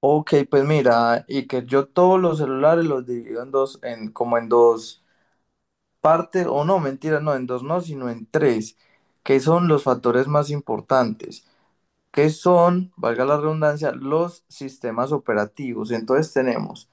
Ok, pues mira, y que yo todos los celulares los divido en dos, como en dos partes, o no, mentira, no, en dos no, sino en tres, que son los factores más importantes, que son, valga la redundancia, los sistemas operativos. Entonces tenemos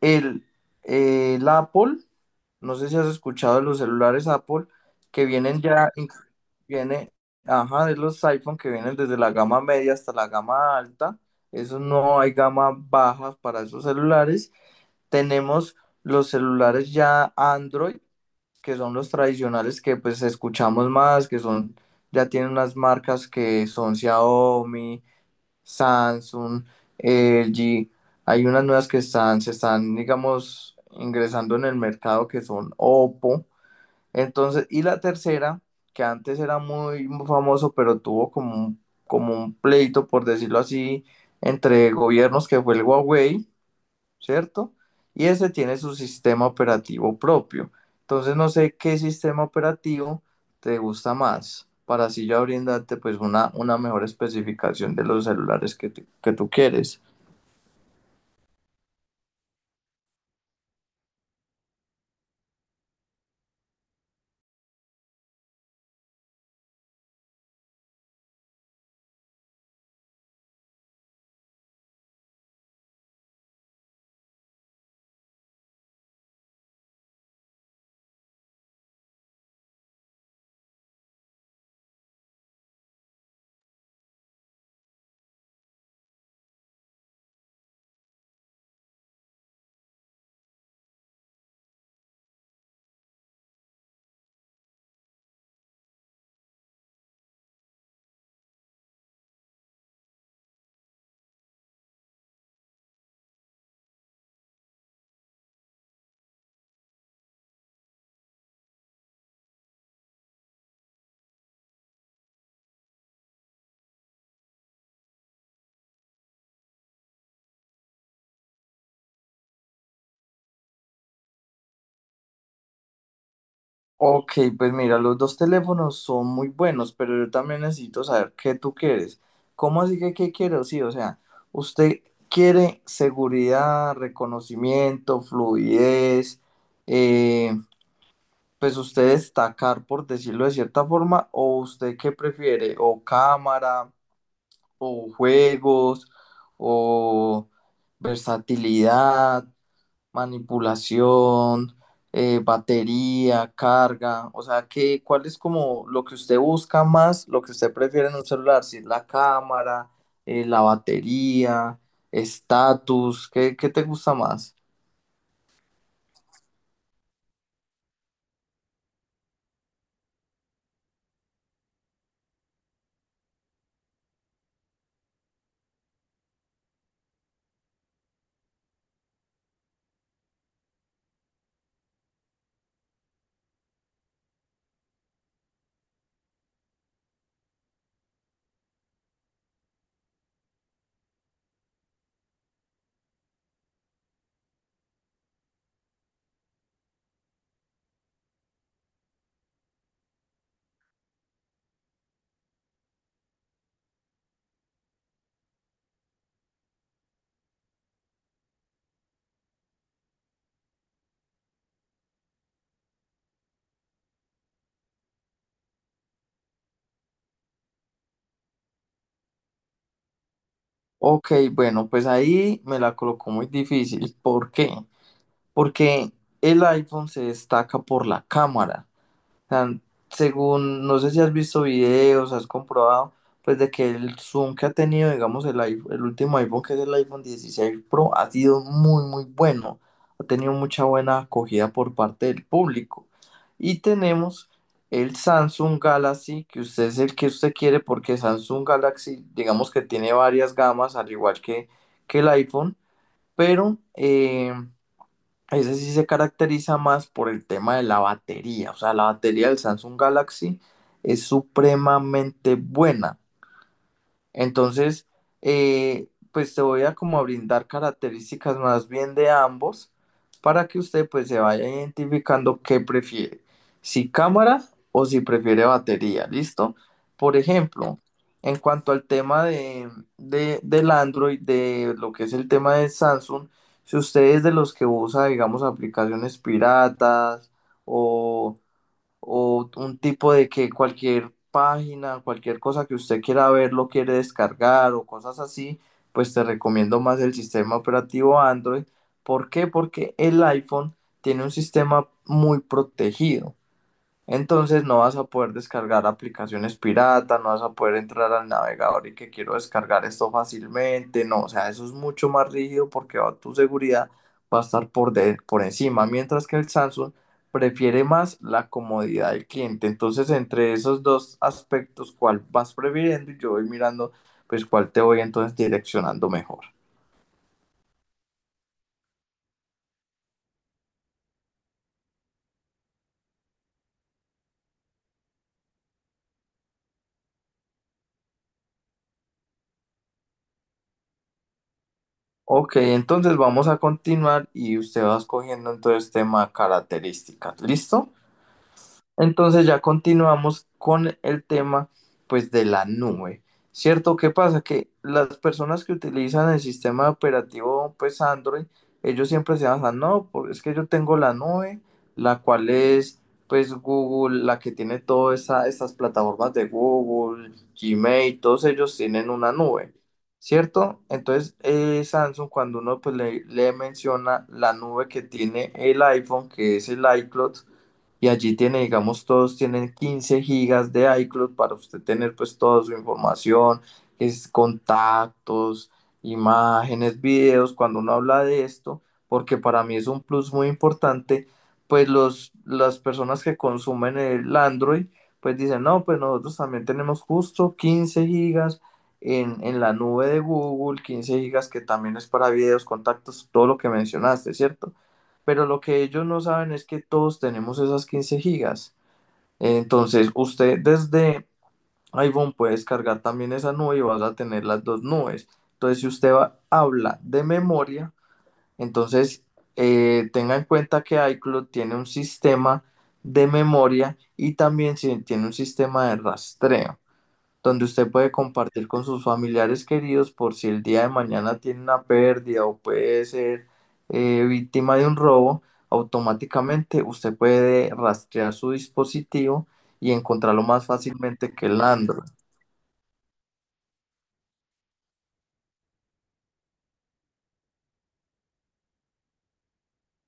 el, el Apple, no sé si has escuchado de los celulares Apple que vienen ya, viene, ajá, de los iPhone que vienen desde la gama media hasta la gama alta. Eso no hay gama baja para esos celulares. Tenemos los celulares ya Android, que son los tradicionales que pues escuchamos más, que son, ya tienen unas marcas que son Xiaomi, Samsung, LG. Hay unas nuevas que se están, digamos, ingresando en el mercado que son Oppo. Entonces, y la tercera, que antes era muy famoso, pero tuvo como un pleito, por decirlo así, entre gobiernos, que fue el Huawei, ¿cierto? Y ese tiene su sistema operativo propio. Entonces, no sé qué sistema operativo te gusta más, para así ya brindarte pues una mejor especificación de los celulares que tú quieres. Ok, pues mira, los dos teléfonos son muy buenos, pero yo también necesito saber qué tú quieres. ¿Cómo así que qué quiero? Sí, o sea, usted quiere seguridad, reconocimiento, fluidez, eh, pues usted destacar, por decirlo de cierta forma, o usted qué prefiere, o cámara, o juegos, o versatilidad manipulación, batería, carga, o sea, ¿cuál es como lo que usted busca más, lo que usted prefiere en un celular? Si es la cámara, la batería, estatus, ¿qué te gusta más? Ok, bueno, pues ahí me la colocó muy difícil. ¿Por qué? Porque el iPhone se destaca por la cámara. Sea, según, no sé si has visto videos, has comprobado, pues de que el zoom que ha tenido, digamos, el último iPhone, que es el iPhone dieciséis Pro, ha sido muy, muy bueno. Ha tenido mucha buena acogida por parte del público. Y tenemos el Samsung Galaxy, que usted es el que usted quiere, porque Samsung Galaxy, digamos que tiene varias gamas, al igual que el iPhone, pero ese sí se caracteriza más por el tema de la batería. O sea, la batería del Samsung Galaxy es supremamente buena. Entonces, pues te voy a como a brindar características más bien de ambos para que usted pues se vaya identificando qué prefiere, si cámara o si prefiere batería, ¿listo? Por ejemplo, en cuanto al tema del Android, de lo que es el tema de Samsung, si usted es de los que usa, digamos, aplicaciones piratas o un tipo de que cualquier página, cualquier cosa que usted quiera ver, lo quiere descargar o cosas así, pues te recomiendo más el sistema operativo Android. ¿Por qué? Porque el iPhone tiene un sistema muy protegido. Entonces no vas a poder descargar aplicaciones pirata, no vas a poder entrar al navegador y que quiero descargar esto fácilmente, no, o sea, eso es mucho más rígido porque tu seguridad va a estar por encima, mientras que el Samsung prefiere más la comodidad del cliente. Entonces, entre esos dos aspectos, ¿cuál vas prefiriendo? Y yo voy mirando, pues, cuál te voy entonces direccionando mejor. Ok, entonces vamos a continuar y usted va escogiendo entonces tema características, ¿listo? Entonces ya continuamos con el tema pues de la nube. ¿Cierto? ¿Qué pasa? Que las personas que utilizan el sistema operativo pues Android, ellos siempre se basan, no, es que yo tengo la nube, la cual es pues Google, la que tiene todas estas plataformas de Google, Gmail, todos ellos tienen una nube. ¿Cierto? Entonces, Samsung, cuando uno pues, le menciona la nube que tiene el iPhone, que es el iCloud, y allí tiene, digamos, todos tienen 15 gigas de iCloud para usted tener pues toda su información, es contactos, imágenes, videos, cuando uno habla de esto, porque para mí es un plus muy importante, pues las personas que consumen el Android, pues dicen, no, pues nosotros también tenemos justo 15 gigas en, la nube de Google, 15 gigas que también es para videos, contactos, todo lo que mencionaste, ¿cierto? Pero lo que ellos no saben es que todos tenemos esas 15 gigas. Entonces, usted desde iPhone puede descargar también esa nube y vas a tener las dos nubes. Entonces, si usted habla de memoria, entonces tenga en cuenta que iCloud tiene un sistema de memoria y también tiene un sistema de rastreo donde usted puede compartir con sus familiares queridos por si el día de mañana tiene una pérdida o puede ser víctima de un robo, automáticamente usted puede rastrear su dispositivo y encontrarlo más fácilmente que el Android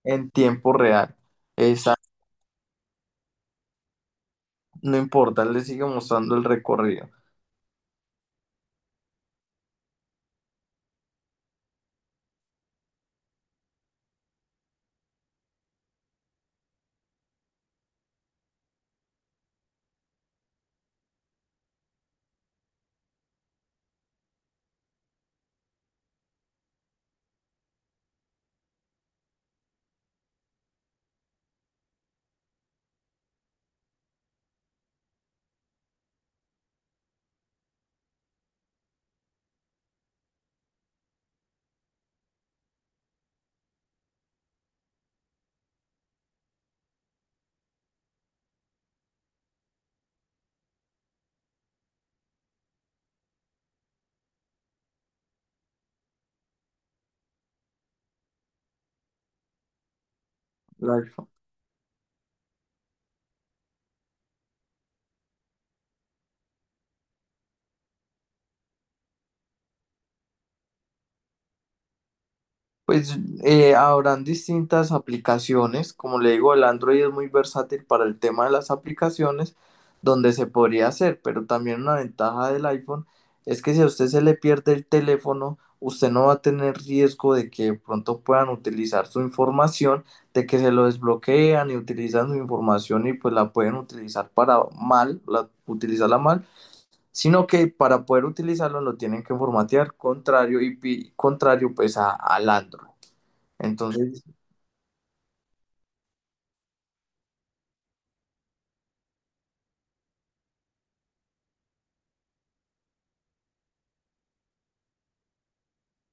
en tiempo real. Esa no importa, él le sigue mostrando el recorrido. La Pues habrán distintas aplicaciones, como le digo, el Android es muy versátil para el tema de las aplicaciones, donde se podría hacer, pero también una ventaja del iPhone es que si a usted se le pierde el teléfono, usted no va a tener riesgo de que de pronto puedan utilizar su información, de que se lo desbloquean y utilizan su información y pues la pueden utilizar para mal, utilizarla mal, sino que para poder utilizarlo lo tienen que formatear, contrario pues al Android. Entonces,